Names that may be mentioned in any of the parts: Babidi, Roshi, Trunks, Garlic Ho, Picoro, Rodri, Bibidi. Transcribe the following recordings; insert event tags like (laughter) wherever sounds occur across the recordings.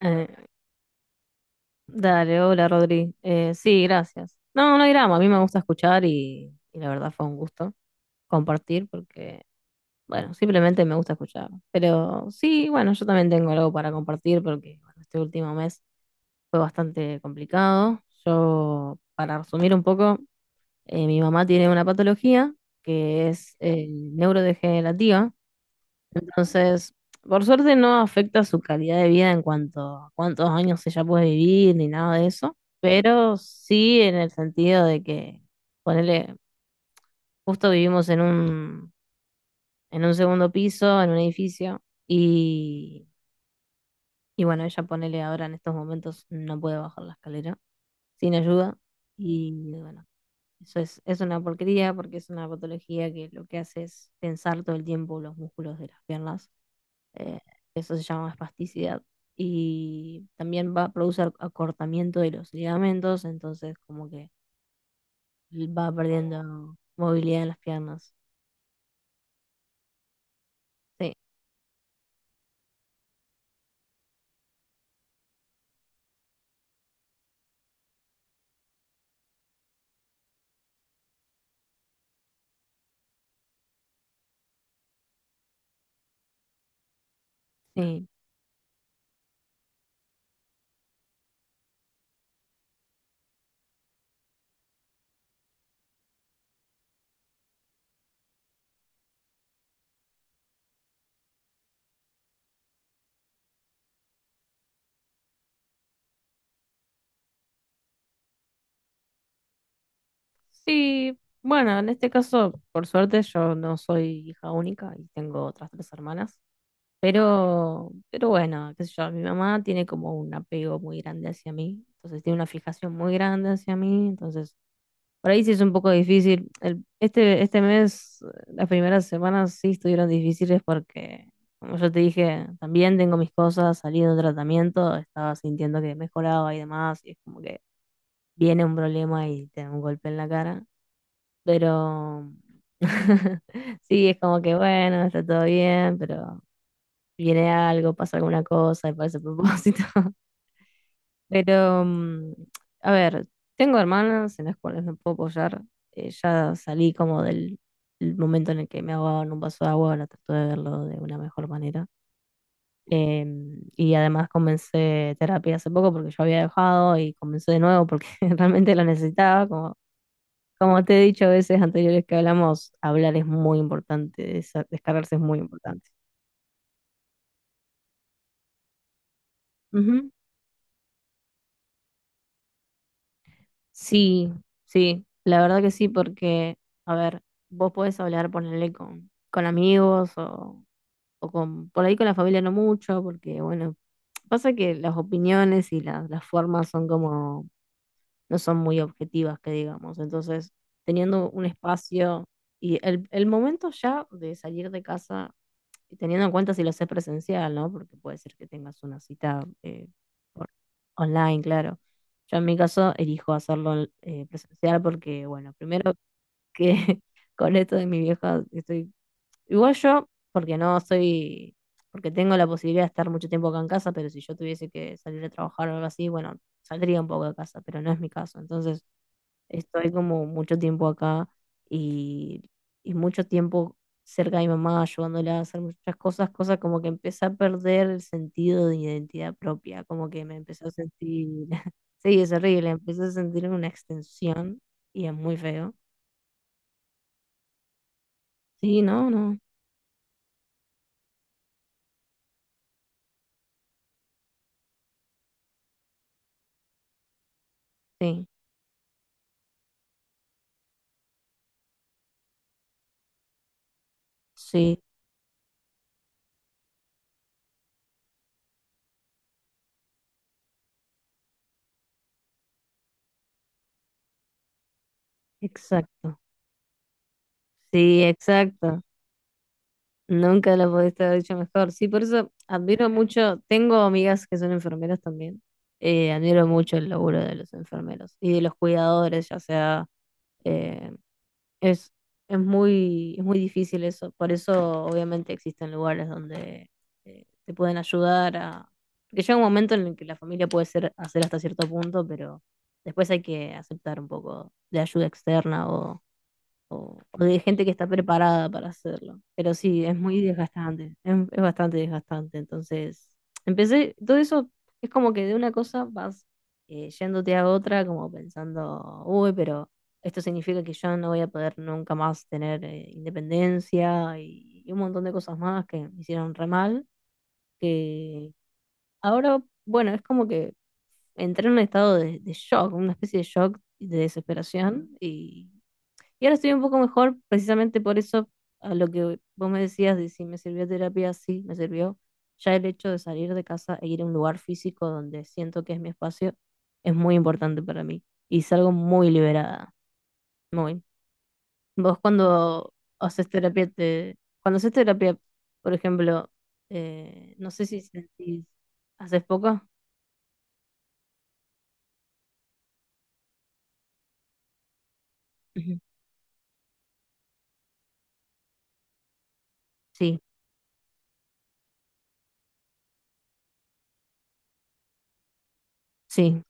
Eh, dale, hola Rodri. Sí, gracias. No, no hay drama, a mí me gusta escuchar y la verdad fue un gusto compartir porque, bueno, simplemente me gusta escuchar. Pero sí, bueno, yo también tengo algo para compartir porque bueno, este último mes fue bastante complicado. Yo, para resumir un poco, mi mamá tiene una patología que es neurodegenerativa. Entonces, por suerte no afecta su calidad de vida en cuanto a cuántos años ella puede vivir ni nada de eso, pero sí en el sentido de que, ponele, justo vivimos en en un segundo piso, en un edificio, y, y bueno, ella ponele ahora en estos momentos no puede bajar la escalera sin ayuda, y bueno, eso es una porquería porque es una patología que lo que hace es tensar todo el tiempo los músculos de las piernas. eh, eso se llama espasticidad. Y también va a producir acortamiento de los ligamentos, entonces como que va perdiendo movilidad en las piernas. Sí, sí. Sí, bueno, en este caso, por suerte, yo no soy hija única y tengo otras tres hermanas. Pero bueno, qué sé yo, mi mamá tiene como un apego muy grande hacia mí, entonces tiene una fijación muy grande hacia mí, entonces por ahí sí es un poco difícil. Este, este mes, las primeras semanas sí estuvieron difíciles porque, como yo te dije, también tengo mis cosas, salí de un tratamiento, estaba sintiendo que mejoraba y demás, y es como que viene un problema y te da un golpe en la cara. Pero (laughs) sí, es como que bueno, está todo bien, pero viene algo, pasa alguna cosa y parece a propósito. Pero, a ver, tengo hermanas en las cuales me puedo apoyar. Ya salí como del momento en el que me ahogaba en un vaso de agua, ahora trato de verlo de una mejor manera. Y además comencé terapia hace poco porque yo había dejado y comencé de nuevo porque (laughs) realmente lo necesitaba. Como, como te he dicho a veces anteriores que hablamos, hablar es muy importante, descargarse es muy importante. Sí, sí, la verdad que sí, porque, a ver, vos podés hablar, ponerle con amigos o con, por ahí con la familia no mucho, porque, bueno, pasa que las opiniones y las formas son como, no son muy objetivas, que digamos. Entonces, teniendo un espacio y el momento ya de salir de casa y teniendo en cuenta si lo haces presencial, ¿no? Porque puede ser que tengas una cita por- online, claro. Yo en mi caso elijo hacerlo presencial porque, bueno, primero que (laughs) con esto de mi vieja estoy... Igual yo, porque no soy... Porque tengo la posibilidad de estar mucho tiempo acá en casa, pero si yo tuviese que salir a trabajar o algo así, bueno, saldría un poco de casa, pero no es mi caso. Entonces, estoy como mucho tiempo acá y, y mucho tiempo cerca de mi mamá, ayudándola a hacer muchas cosas, cosas como que empecé a perder el sentido de identidad propia, como que me empecé a sentir, (laughs) sí, es horrible, empecé a sentirme una extensión y es muy feo. Sí, no, no, sí, sí, exacto, sí, exacto, nunca lo pudiste haber dicho mejor. Sí, por eso admiro mucho, tengo amigas que son enfermeras también. Admiro mucho el laburo de los enfermeros y de los cuidadores, ya sea, eh, es, es muy difícil eso. Por eso obviamente existen lugares donde te pueden ayudar a... Porque llega un momento en el que la familia puede ser, hacer hasta cierto punto, pero después hay que aceptar un poco de ayuda externa o de gente que está preparada para hacerlo. Pero sí, es muy desgastante, es bastante desgastante. Entonces, empecé, todo eso es como que de una cosa vas yéndote a otra, como pensando, uy, pero esto significa que yo no voy a poder nunca más tener independencia y un montón de cosas más que me hicieron re mal, que ahora, bueno, es como que entré en un estado de shock, una especie de shock y de desesperación y ahora estoy un poco mejor, precisamente por eso, a lo que vos me decías de si me sirvió terapia, sí, me sirvió. Ya el hecho de salir de casa e ir a un lugar físico donde siento que es mi espacio es muy importante para mí. Y salgo muy liberada, muy. Vos cuando haces terapia, te... cuando haces terapia, por ejemplo, no sé si sentís, ¿haces poco? Ujú. Sí, sí,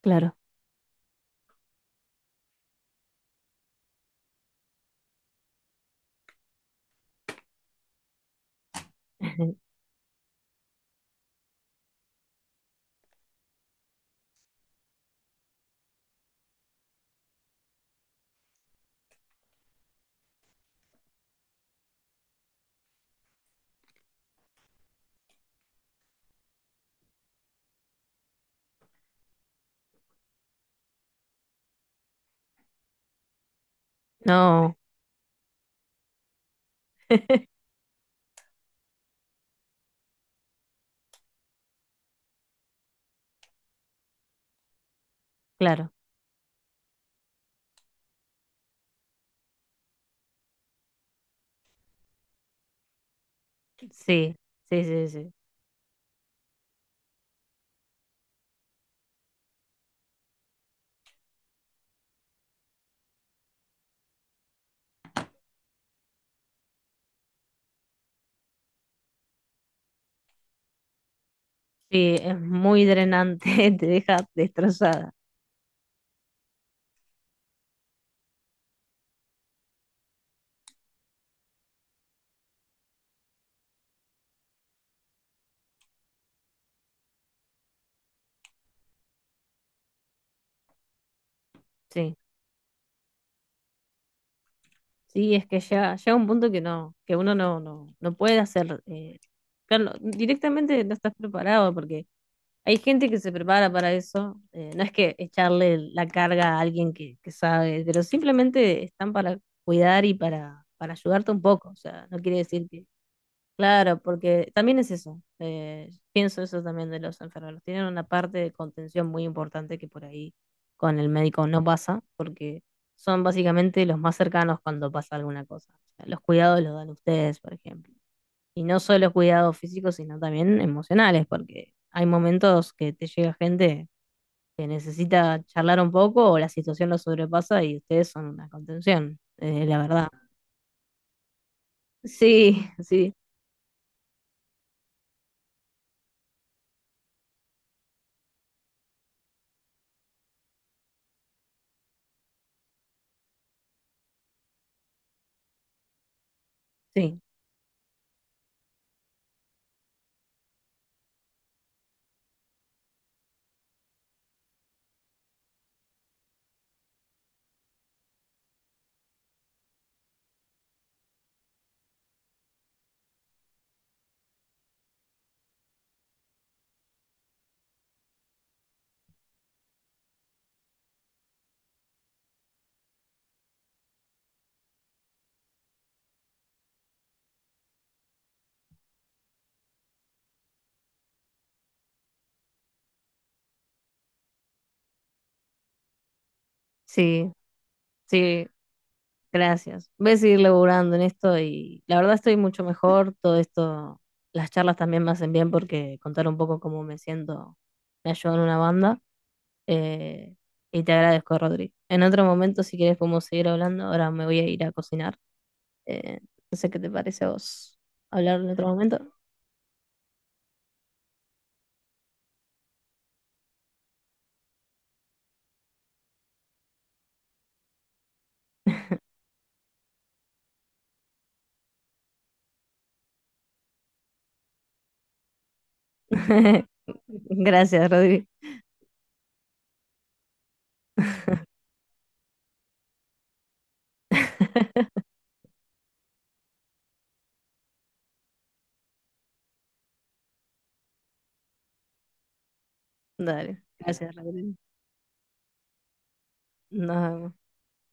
claro. (laughs) No, claro. Sí, sí, sí, sí. Sí, es muy drenante, (laughs) te deja destrozada. Sí, sí, es que ya llega un punto que no, que uno no, no, no puede hacer, claro, directamente no estás preparado porque hay gente que se prepara para eso. No es que echarle la carga a alguien que sabe, pero simplemente están para cuidar y para ayudarte un poco. O sea, no quiere decir que claro, porque también es eso. Pienso eso también de los enfermeros. Tienen una parte de contención muy importante que por ahí con el médico no pasa, porque son básicamente los más cercanos cuando pasa alguna cosa. O sea, los cuidados los dan ustedes, por ejemplo. Y no solo cuidados físicos, sino también emocionales, porque hay momentos que te llega gente que necesita charlar un poco o la situación lo sobrepasa y ustedes son una contención, la verdad. Sí, sí, sí, sí, sí. Gracias. Voy a seguir laburando en esto y la verdad estoy mucho mejor. Todo esto, las charlas también me hacen bien porque contar un poco cómo me siento me ayuda en una banda. Eh, y te agradezco, Rodri. En otro momento, si quieres, podemos seguir hablando. Ahora me voy a ir a cocinar. Eh, no sé qué te parece a vos hablar en otro momento. (laughs) Gracias, Rodri. (laughs) Dale. Gracias, Rodri. Nos vemos.